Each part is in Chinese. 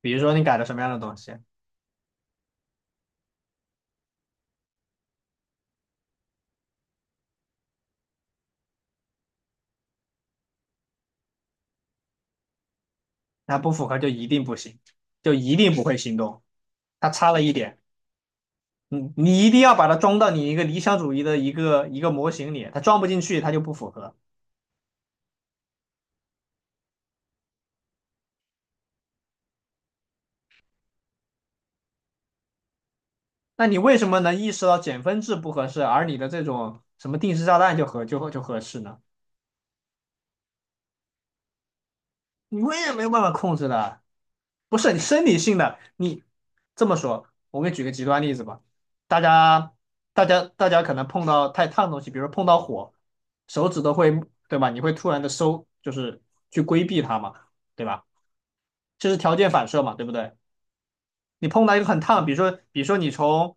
比如说你改了什么样的东西，它不符合就一定不行，就一定不会行动。它差了一点，你一定要把它装到你一个理想主义的一个模型里，它装不进去，它就不符合。那你为什么能意识到减分制不合适，而你的这种什么定时炸弹就合适呢？你我也没有办法控制的，不是你生理性的。你这么说，我给你举个极端例子吧。大家，大家可能碰到太烫的东西，比如说碰到火，手指都会，对吧？你会突然的收，就是去规避它嘛，对吧？这是条件反射嘛，对不对？你碰到一个很烫，比如说，比如说你从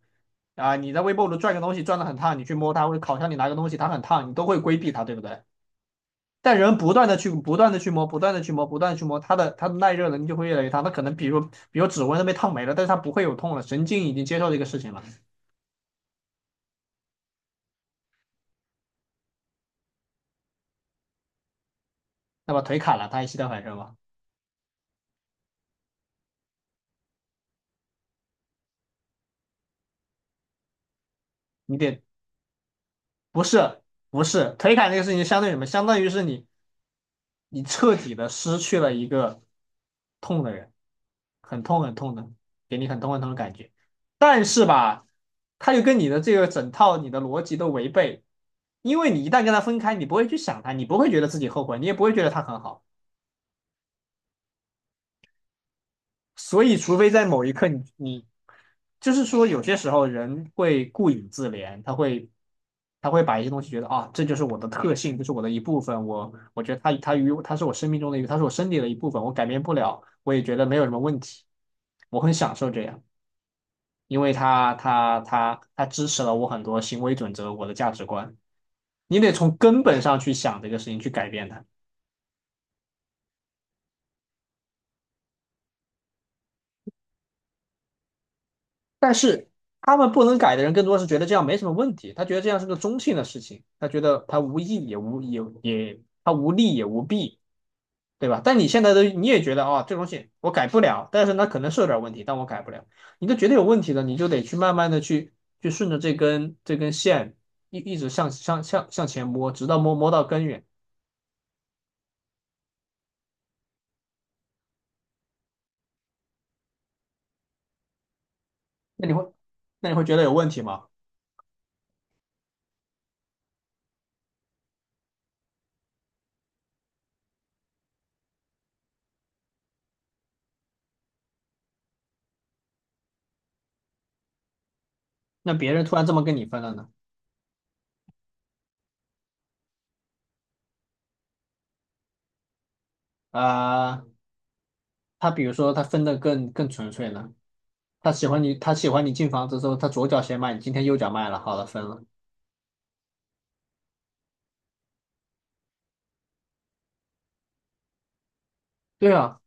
你在微波炉转个东西，转的很烫，你去摸它，或者烤箱里拿个东西，它很烫，你都会规避它，对不对？但人不断的去摸，不断的去摸，不断的去摸，它的耐热能力就会越来越大。它可能比如指纹都被烫没了，但是它不会有痛了，神经已经接受这个事情了。那么腿砍了，它还膝盖反射吗？你得不是不是腿砍这个事情，相当于什么？相当于是你彻底的失去了一个痛的人，很痛很痛的，给你很痛很痛的感觉。但是吧，他又跟你的这个整套你的逻辑都违背，因为你一旦跟他分开，你不会去想他，你不会觉得自己后悔，你也不会觉得他很好。所以，除非在某一刻你就是说，有些时候人会顾影自怜，他会把一些东西觉得啊，这就是我的特性，这是我的一部分。我觉得他是我生命中的一个，他是我身体的一部分，我改变不了，我也觉得没有什么问题。我很享受这样，因为他支持了我很多行为准则，我的价值观。你得从根本上去想这个事情，去改变它。但是他们不能改的人，更多是觉得这样没什么问题，他觉得这样是个中性的事情，他觉得他无益也他无利也无弊，对吧？但你现在都你也觉得哦这东西我改不了，但是那可能是有点问题，但我改不了，你都觉得有问题了，你就得去慢慢的去去顺着这根线一直向前摸，直到摸到根源，那你会那你会觉得有问题吗？那别人突然这么跟你分了呢？啊、他比如说他分的更纯粹呢？他喜欢你，他喜欢你进房子之后，他左脚先卖你，今天右脚卖了，好了，分了。对啊，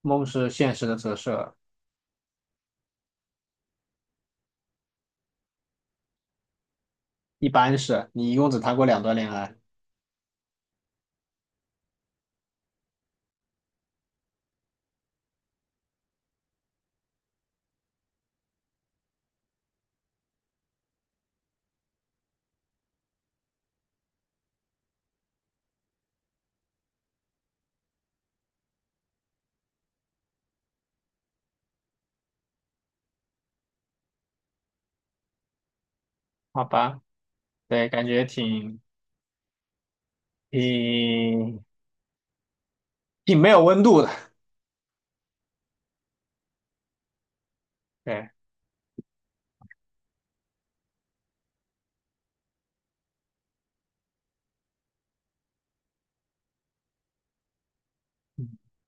梦是现实的折射，一般是你一共只谈过两段恋爱，好吧？对，感觉挺挺挺没有温度的，对，嗯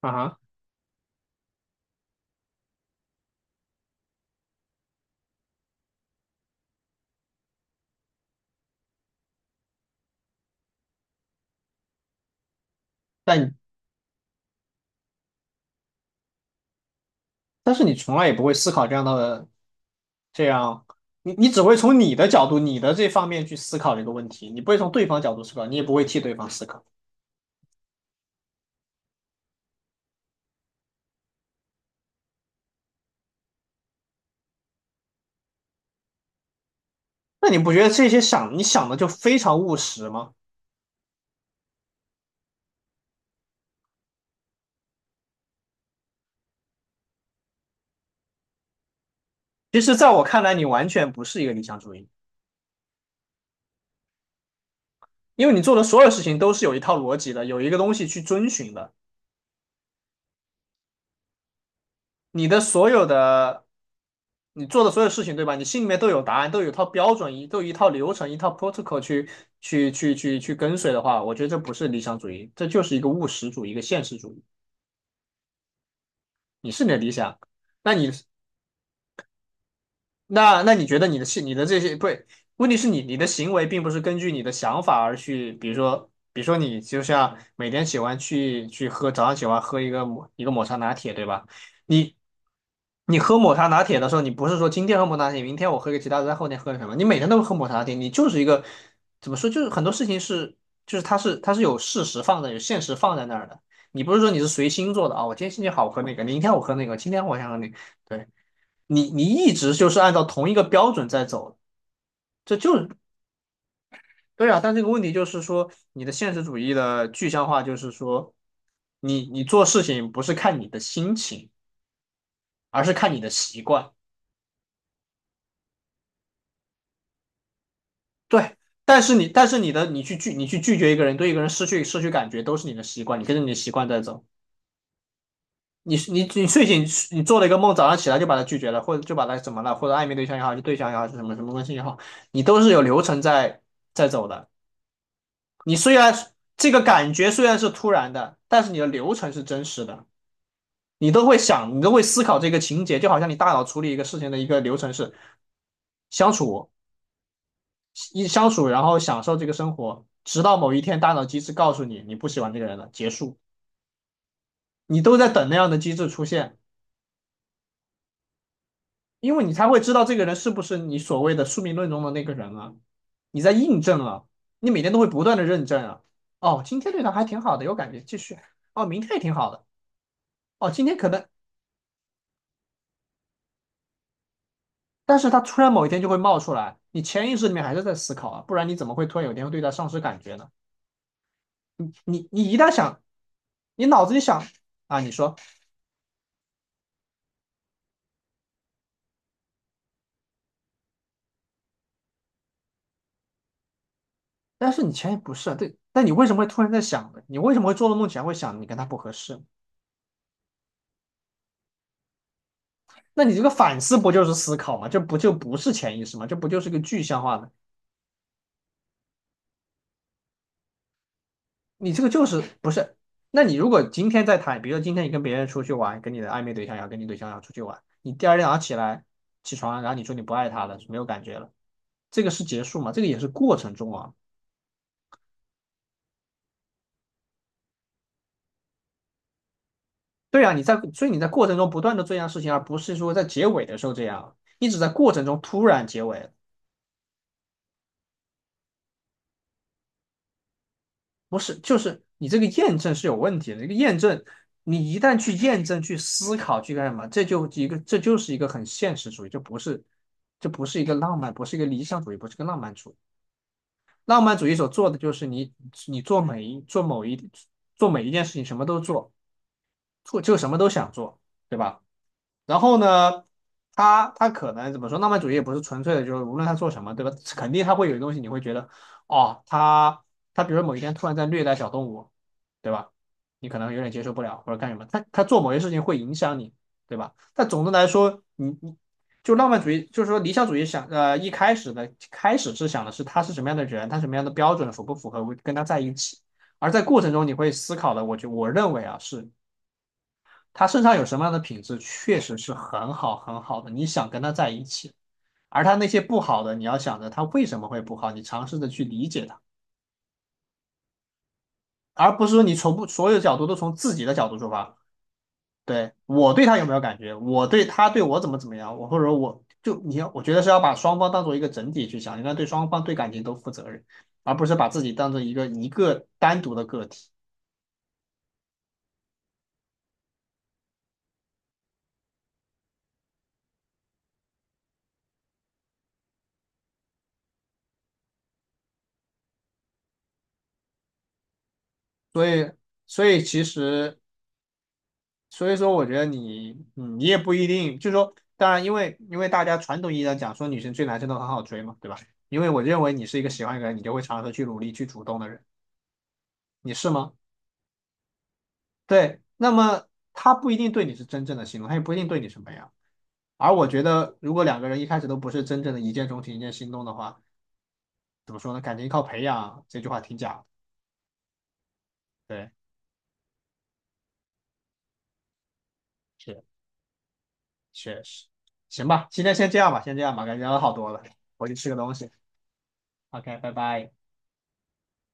啊哈。但但是你从来也不会思考这样的这样，你只会从你的角度、你的这方面去思考这个问题，你不会从对方角度思考，你也不会替对方思考。那你不觉得这些想你想的就非常务实吗？其实，在我看来，你完全不是一个理想主义，因为你做的所有事情都是有一套逻辑的，有一个东西去遵循的。你的所有的，你做的所有事情，对吧？你心里面都有答案，都有一套标准，都有一套流程，一套 protocol 去去跟随的话，我觉得这不是理想主义，这就是一个务实主义，一个现实主义。你是你的理想，那你那你觉得你的你的这些不是？问题是你的行为并不是根据你的想法而去，比如说你就像每天喜欢去喝早上喜欢喝一个一个抹茶拿铁，对吧？你你喝抹茶拿铁的时候，你不是说今天喝抹茶拿铁，明天我喝个其他的，再后天喝个什么？你每天都喝抹茶拿铁，你就是一个怎么说？就是很多事情是就是它是有事实放在有现实放在那儿的，你不是说你是随心做的我今天心情好，我喝那个；明天我喝那个，今天我想喝那个。对。你一直就是按照同一个标准在走，这就是对啊。但这个问题就是说，你的现实主义的具象化就是说，你做事情不是看你的心情，而是看你的习惯。对，但是你的你去拒绝一个人，对一个人失去感觉，都是你的习惯，你跟着你的习惯在走。你睡醒，你做了一个梦，早上起来就把他拒绝了，或者就把他怎么了，或者暧昧对象也好，就对象也好，是什么什么关系也好，你都是有流程在在走的。你虽然这个感觉虽然是突然的，但是你的流程是真实的，你都会想，你都会思考这个情节，就好像你大脑处理一个事情的一个流程是相处相处，然后享受这个生活，直到某一天大脑机制告诉你你不喜欢这个人了，结束，你都在等那样的机制出现，因为你才会知道这个人是不是你所谓的宿命论中的那个人啊，你在印证啊，你每天都会不断的认证啊，哦，今天对他还挺好的，有感觉，继续，哦，明天也挺好的。哦，今天可能但是他突然某一天就会冒出来，你潜意识里面还是在思考啊，不然你怎么会突然有一天会对他丧失感觉呢？你一旦想，你脑子里想啊，你说，但是你前也不是啊对，但你为什么会突然在想呢？你为什么会做了梦前会想你跟他不合适？那你这个反思不就是思考吗？这不就不是潜意识吗？这不就是个具象化的？你这个就是不是？那你如果今天在谈，比如说今天你跟别人出去玩，跟你的暧昧对象跟你对象要出去玩，你第二天早上起来起床，然后你说你不爱他了，没有感觉了。这个是结束吗？这个也是过程中啊。对啊，你在，所以你在过程中不断的做一样事情，而不是说在结尾的时候这样，你只在过程中突然结尾，不是，就是你这个验证是有问题的。这个验证，你一旦去验证、去思考、去干什么，这就一个，这就是一个很现实主义，就不是，这不是一个浪漫，不是一个理想主义，不是一个浪漫主义。浪漫主义所做的就是你，你做每一做某一做每一件事情，什么都做，做就什么都想做，对吧？然后呢，他可能怎么说？浪漫主义也不是纯粹的，就是无论他做什么，对吧？肯定他会有东西，你会觉得，哦，他比如说某一天突然在虐待小动物，对吧？你可能有点接受不了，或者干什么，他做某些事情会影响你，对吧？但总的来说，你就浪漫主义，就是说理想主义想，一开始的开始是想的是他是什么样的人，他什么样的标准符不符合跟他在一起，而在过程中你会思考的，我认为啊是。他身上有什么样的品质，确实是很好很好的，你想跟他在一起。而他那些不好的，你要想着他为什么会不好，你尝试着去理解他，而不是说你从不所有角度都从自己的角度出发。对，我对他有没有感觉，我对他对我怎么怎么样，我或者我就你要，我觉得是要把双方当做一个整体去想，应该对双方对感情都负责任，而不是把自己当成一个单独的个体。所以，所以其实所以说，我觉得你，嗯，你也不一定，就是说，当然，因为大家传统意义上讲说女生追男生都很好追嘛，对吧？因为我认为你是一个喜欢一个人，你就会尝试去努力去主动的人，你是吗？对，那么他不一定对你是真正的心动，他也不一定对你什么样。而我觉得，如果两个人一开始都不是真正的一见钟情、一见心动的话，怎么说呢？感情靠培养这句话挺假的对，是确实。行吧，今天先这样吧，先这样吧，感觉聊了好多了，我去吃个东西。OK,拜拜。